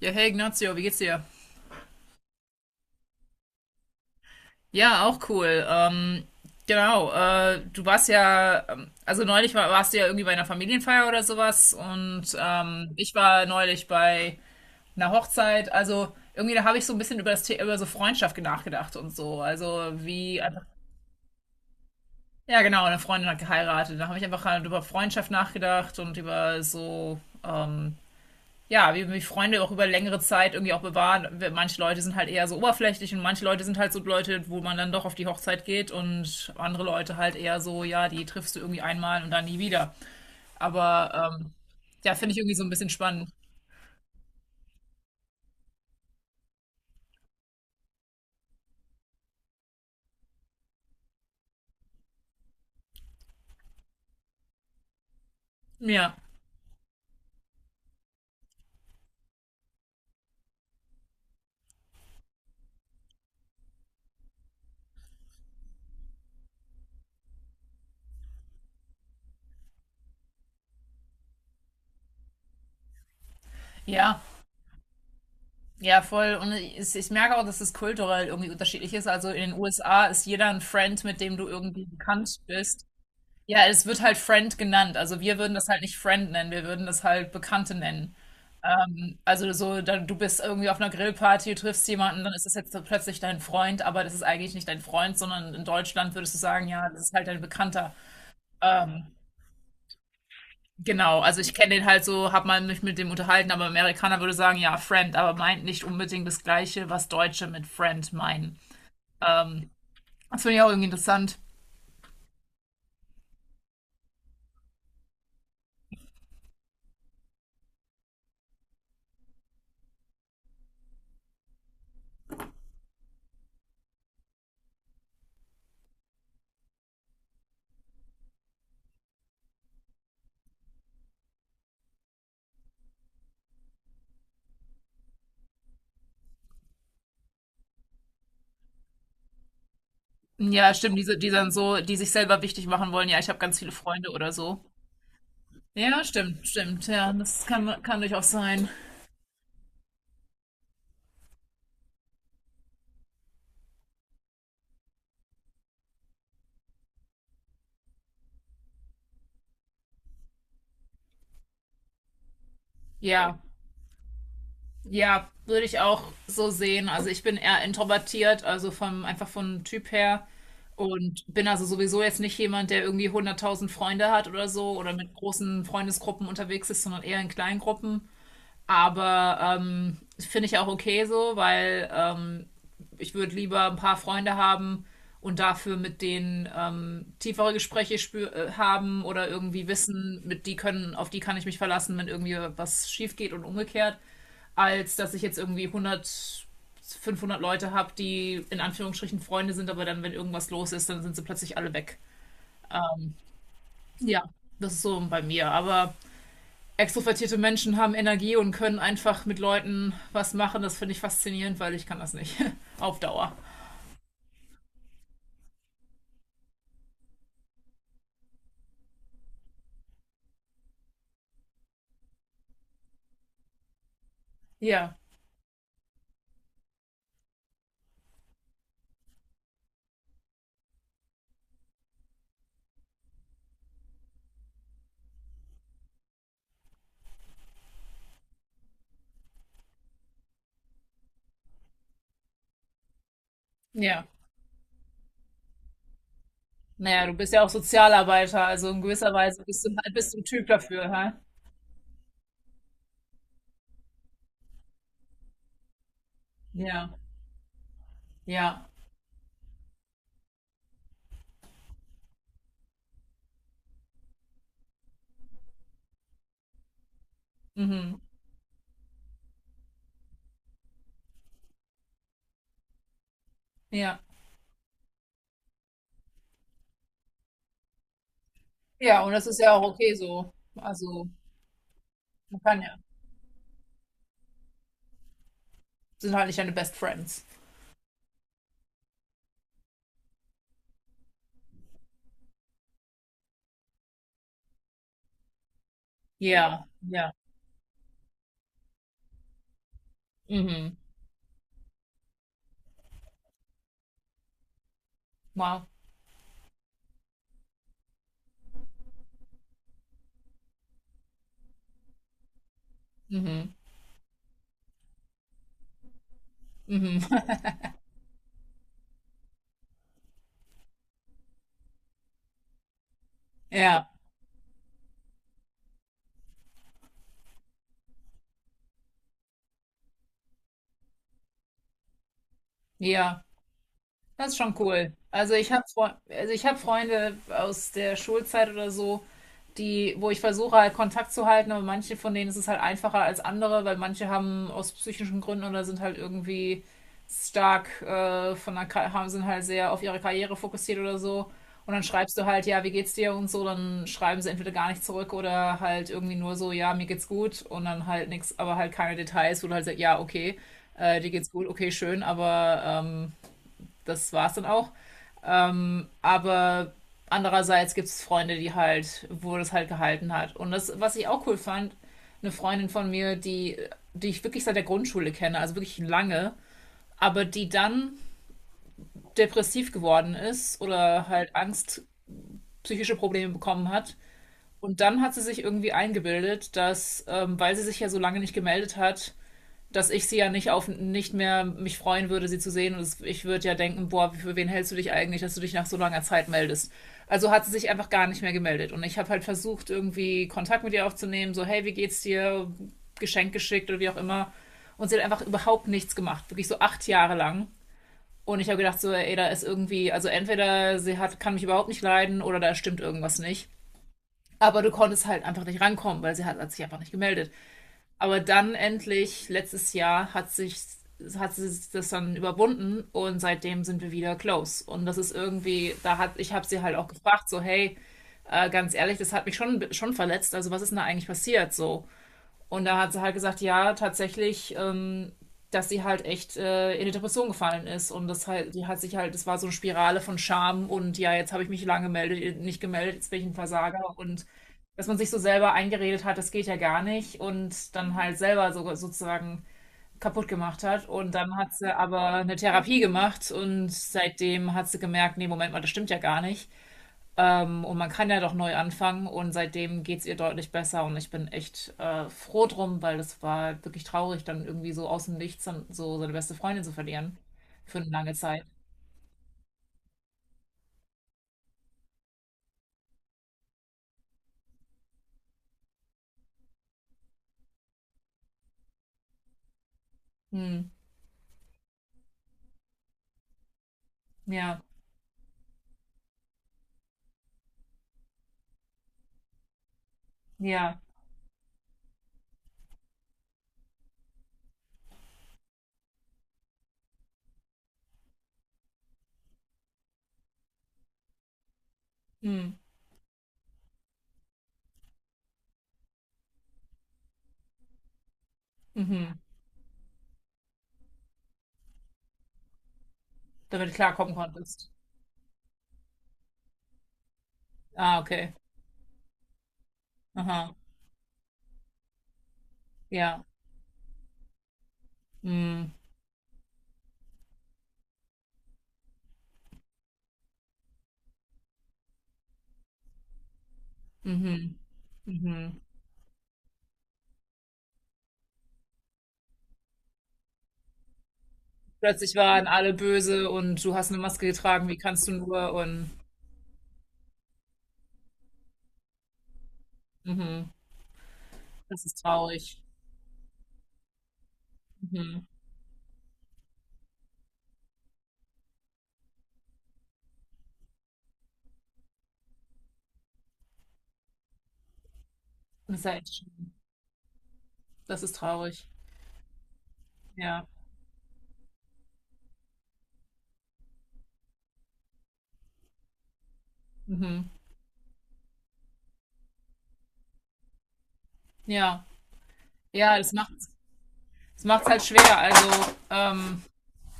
Ja, hey Ignazio, wie geht's dir? Ja, auch cool. Genau, Du warst ja, also neulich warst du ja irgendwie bei einer Familienfeier oder sowas. Und ich war neulich bei einer Hochzeit. Also irgendwie da habe ich so ein bisschen über das The über so Freundschaft nachgedacht und so. Ja genau, eine Freundin hat geheiratet. Da habe ich einfach halt über Freundschaft nachgedacht und über ja, wie mich Freunde auch über längere Zeit irgendwie auch bewahren. Manche Leute sind halt eher so oberflächlich, und manche Leute sind halt so Leute, wo man dann doch auf die Hochzeit geht, und andere Leute halt eher so, ja, die triffst du irgendwie einmal und dann nie wieder. Aber ähm, ja, finde ich irgendwie so ein bisschen spannend. Ja, ja, ja, voll. Und ich merke auch, dass es kulturell irgendwie unterschiedlich ist. Also in den USA ist jeder ein Friend, mit dem du irgendwie bekannt bist. Ja, es wird halt Friend genannt. Also wir würden das halt nicht Friend nennen, wir würden das halt Bekannte nennen. Also so, da, du bist irgendwie auf einer Grillparty, du triffst jemanden, dann ist das jetzt so plötzlich dein Freund, aber das ist eigentlich nicht dein Freund, sondern in Deutschland würdest du sagen, ja, das ist halt dein Bekannter. Ähm, genau, also ich kenne den halt so, habe mal mich mit dem unterhalten, aber Amerikaner würde sagen, ja, Friend, aber meint nicht unbedingt das Gleiche, was Deutsche mit Friend meinen. Ähm, Das finde ich auch irgendwie interessant. Ja, stimmt, diese, die dann so, die sich selber wichtig machen wollen, ja, ich habe ganz viele Freunde oder so. Ja, stimmt, stimmt. Ja, das kann durchaus sein. Ja, ja, Würde ich auch so sehen. Also ich bin eher introvertiert, also einfach vom Typ her. Und bin also sowieso jetzt nicht jemand, der irgendwie hunderttausend Freunde hat oder so oder mit großen Freundesgruppen unterwegs ist, sondern eher in kleinen Gruppen. Finde ich auch okay so, weil ich würde lieber ein paar Freunde haben und dafür mit denen tiefere Gespräche spür haben, oder irgendwie wissen, auf die kann ich mich verlassen, wenn irgendwie was schief geht und umgekehrt, als dass ich jetzt irgendwie 100, 500 Leute habe, die in Anführungsstrichen Freunde sind, aber dann, wenn irgendwas los ist, dann sind sie plötzlich alle weg. Ähm, ja, das ist so bei mir. Aber extrovertierte Menschen haben Energie und können einfach mit Leuten was machen. Das finde ich faszinierend, weil ich kann das nicht. Auf Dauer. Ja, ja. Naja, du bist ja auch Sozialarbeiter, also in gewisser Weise bist du ein Typ dafür, hä? Ja, ja, mhm. Ja. Ja, und das ist ja auch okay so. Also, man kann ja. Sind halt nicht deine Best Friends. Ja, ja. Mhm. Wow. Mhm. Mhm. Ja, ja. Das ist schon cool. Also ich habe Freunde aus der Schulzeit oder so, die, wo ich versuche halt Kontakt zu halten, aber manche von denen ist es halt einfacher als andere, weil manche haben aus psychischen Gründen oder sind halt irgendwie stark von der, Ka- haben sind halt sehr auf ihre Karriere fokussiert oder so. Und dann schreibst du halt, ja, wie geht's dir und so, dann schreiben sie entweder gar nicht zurück oder halt irgendwie nur so, ja, mir geht's gut und dann halt nichts, aber halt keine Details, wo du halt sagst, ja, okay, dir geht's gut, okay, schön, aber das war's dann auch. Aber andererseits gibt es Freunde, die halt, wo das halt gehalten hat. Und das, was ich auch cool fand, eine Freundin von mir, die ich wirklich seit der Grundschule kenne, also wirklich lange, aber die dann depressiv geworden ist oder halt Angst, psychische Probleme bekommen hat. Und dann hat sie sich irgendwie eingebildet, dass, weil sie sich ja so lange nicht gemeldet hat, dass ich sie ja nicht mehr mich freuen würde, sie zu sehen. Und ich würde ja denken, boah, für wen hältst du dich eigentlich, dass du dich nach so langer Zeit meldest? Also hat sie sich einfach gar nicht mehr gemeldet. Und ich habe halt versucht, irgendwie Kontakt mit ihr aufzunehmen, so, hey, wie geht's dir? Geschenk geschickt oder wie auch immer. Und sie hat einfach überhaupt nichts gemacht, wirklich so 8 Jahre lang. Und ich habe gedacht, so, ey, da ist irgendwie, also entweder kann mich überhaupt nicht leiden, oder da stimmt irgendwas nicht. Aber du konntest halt einfach nicht rankommen, weil hat sich einfach nicht gemeldet. Aber dann endlich, letztes Jahr, hat sie das dann überwunden, und seitdem sind wir wieder close. Und das ist irgendwie, ich habe sie halt auch gefragt, so, hey, ganz ehrlich, das hat mich schon verletzt. Also was ist denn da eigentlich passiert? So. Und da hat sie halt gesagt, ja, tatsächlich, dass sie halt echt in die Depression gefallen ist. Und das halt, die hat sich halt, das war so eine Spirale von Scham und ja, jetzt habe ich mich lange gemeldet, nicht gemeldet, jetzt bin ich ein Versager, und dass man sich so selber eingeredet hat, das geht ja gar nicht, und dann halt selber so, sozusagen kaputt gemacht hat. Und dann hat sie aber eine Therapie gemacht, und seitdem hat sie gemerkt, nee, Moment mal, das stimmt ja gar nicht. Und man kann ja doch neu anfangen, und seitdem geht es ihr deutlich besser, und ich bin echt froh drum, weil das war wirklich traurig, dann irgendwie so aus dem Nichts dann so seine beste Freundin zu verlieren für eine lange Zeit. Hm. Ja, ja. Hm. Mhm. Damit du klarkommen konntest. Ah, okay. Aha. Ja. Hm. Mhm. Mhm. Plötzlich waren alle böse und du hast eine Maske getragen, wie kannst du nur? Und mhm. Das ist traurig. Mhm. Das ist ja echt schlimm. Das ist traurig. Ja. Mhm. Ja. Ja, das macht es macht's halt schwer. Also, ähm,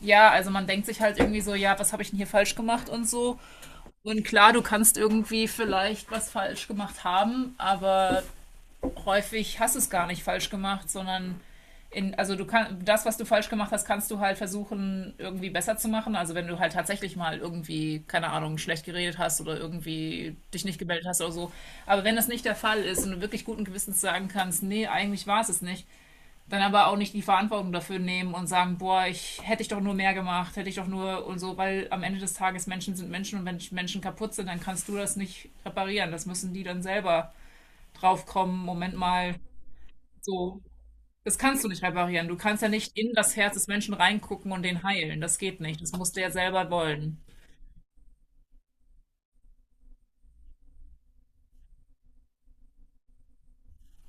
ja, also man denkt sich halt irgendwie so, ja, was habe ich denn hier falsch gemacht und so. Und klar, du kannst irgendwie vielleicht was falsch gemacht haben, aber häufig hast du es gar nicht falsch gemacht, sondern also du kannst das, was du falsch gemacht hast, kannst du halt versuchen, irgendwie besser zu machen. Also wenn du halt tatsächlich mal irgendwie, keine Ahnung, schlecht geredet hast oder irgendwie dich nicht gemeldet hast oder so. Aber wenn das nicht der Fall ist, und du wirklich guten Gewissens sagen kannst, nee, eigentlich war es nicht, dann aber auch nicht die Verantwortung dafür nehmen und sagen, boah, ich doch nur mehr gemacht, hätte ich doch nur und so, weil am Ende des Tages Menschen sind Menschen, und wenn Menschen kaputt sind, dann kannst du das nicht reparieren. Das müssen die dann selber draufkommen. Moment mal, so, das kannst du nicht reparieren. Du kannst ja nicht in das Herz des Menschen reingucken und den heilen. Das geht nicht. Das musst du ja selber wollen.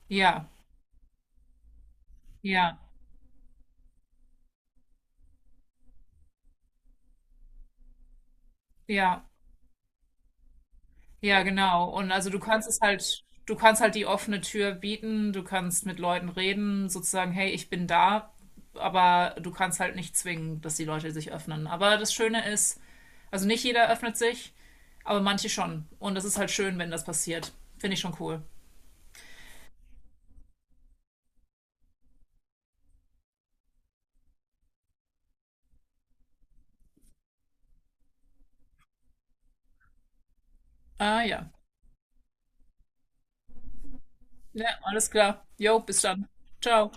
Ja, ja, ja, ja, genau. Und also du kannst halt die offene Tür bieten, du kannst mit Leuten reden, sozusagen, hey, ich bin da, aber du kannst halt nicht zwingen, dass die Leute sich öffnen. Aber das Schöne ist, also nicht jeder öffnet sich, aber manche schon. Und das ist halt schön, wenn das passiert. Finde ich schon cool. Ah ja. Ja, alles klar. Jo, bis dann. Ciao.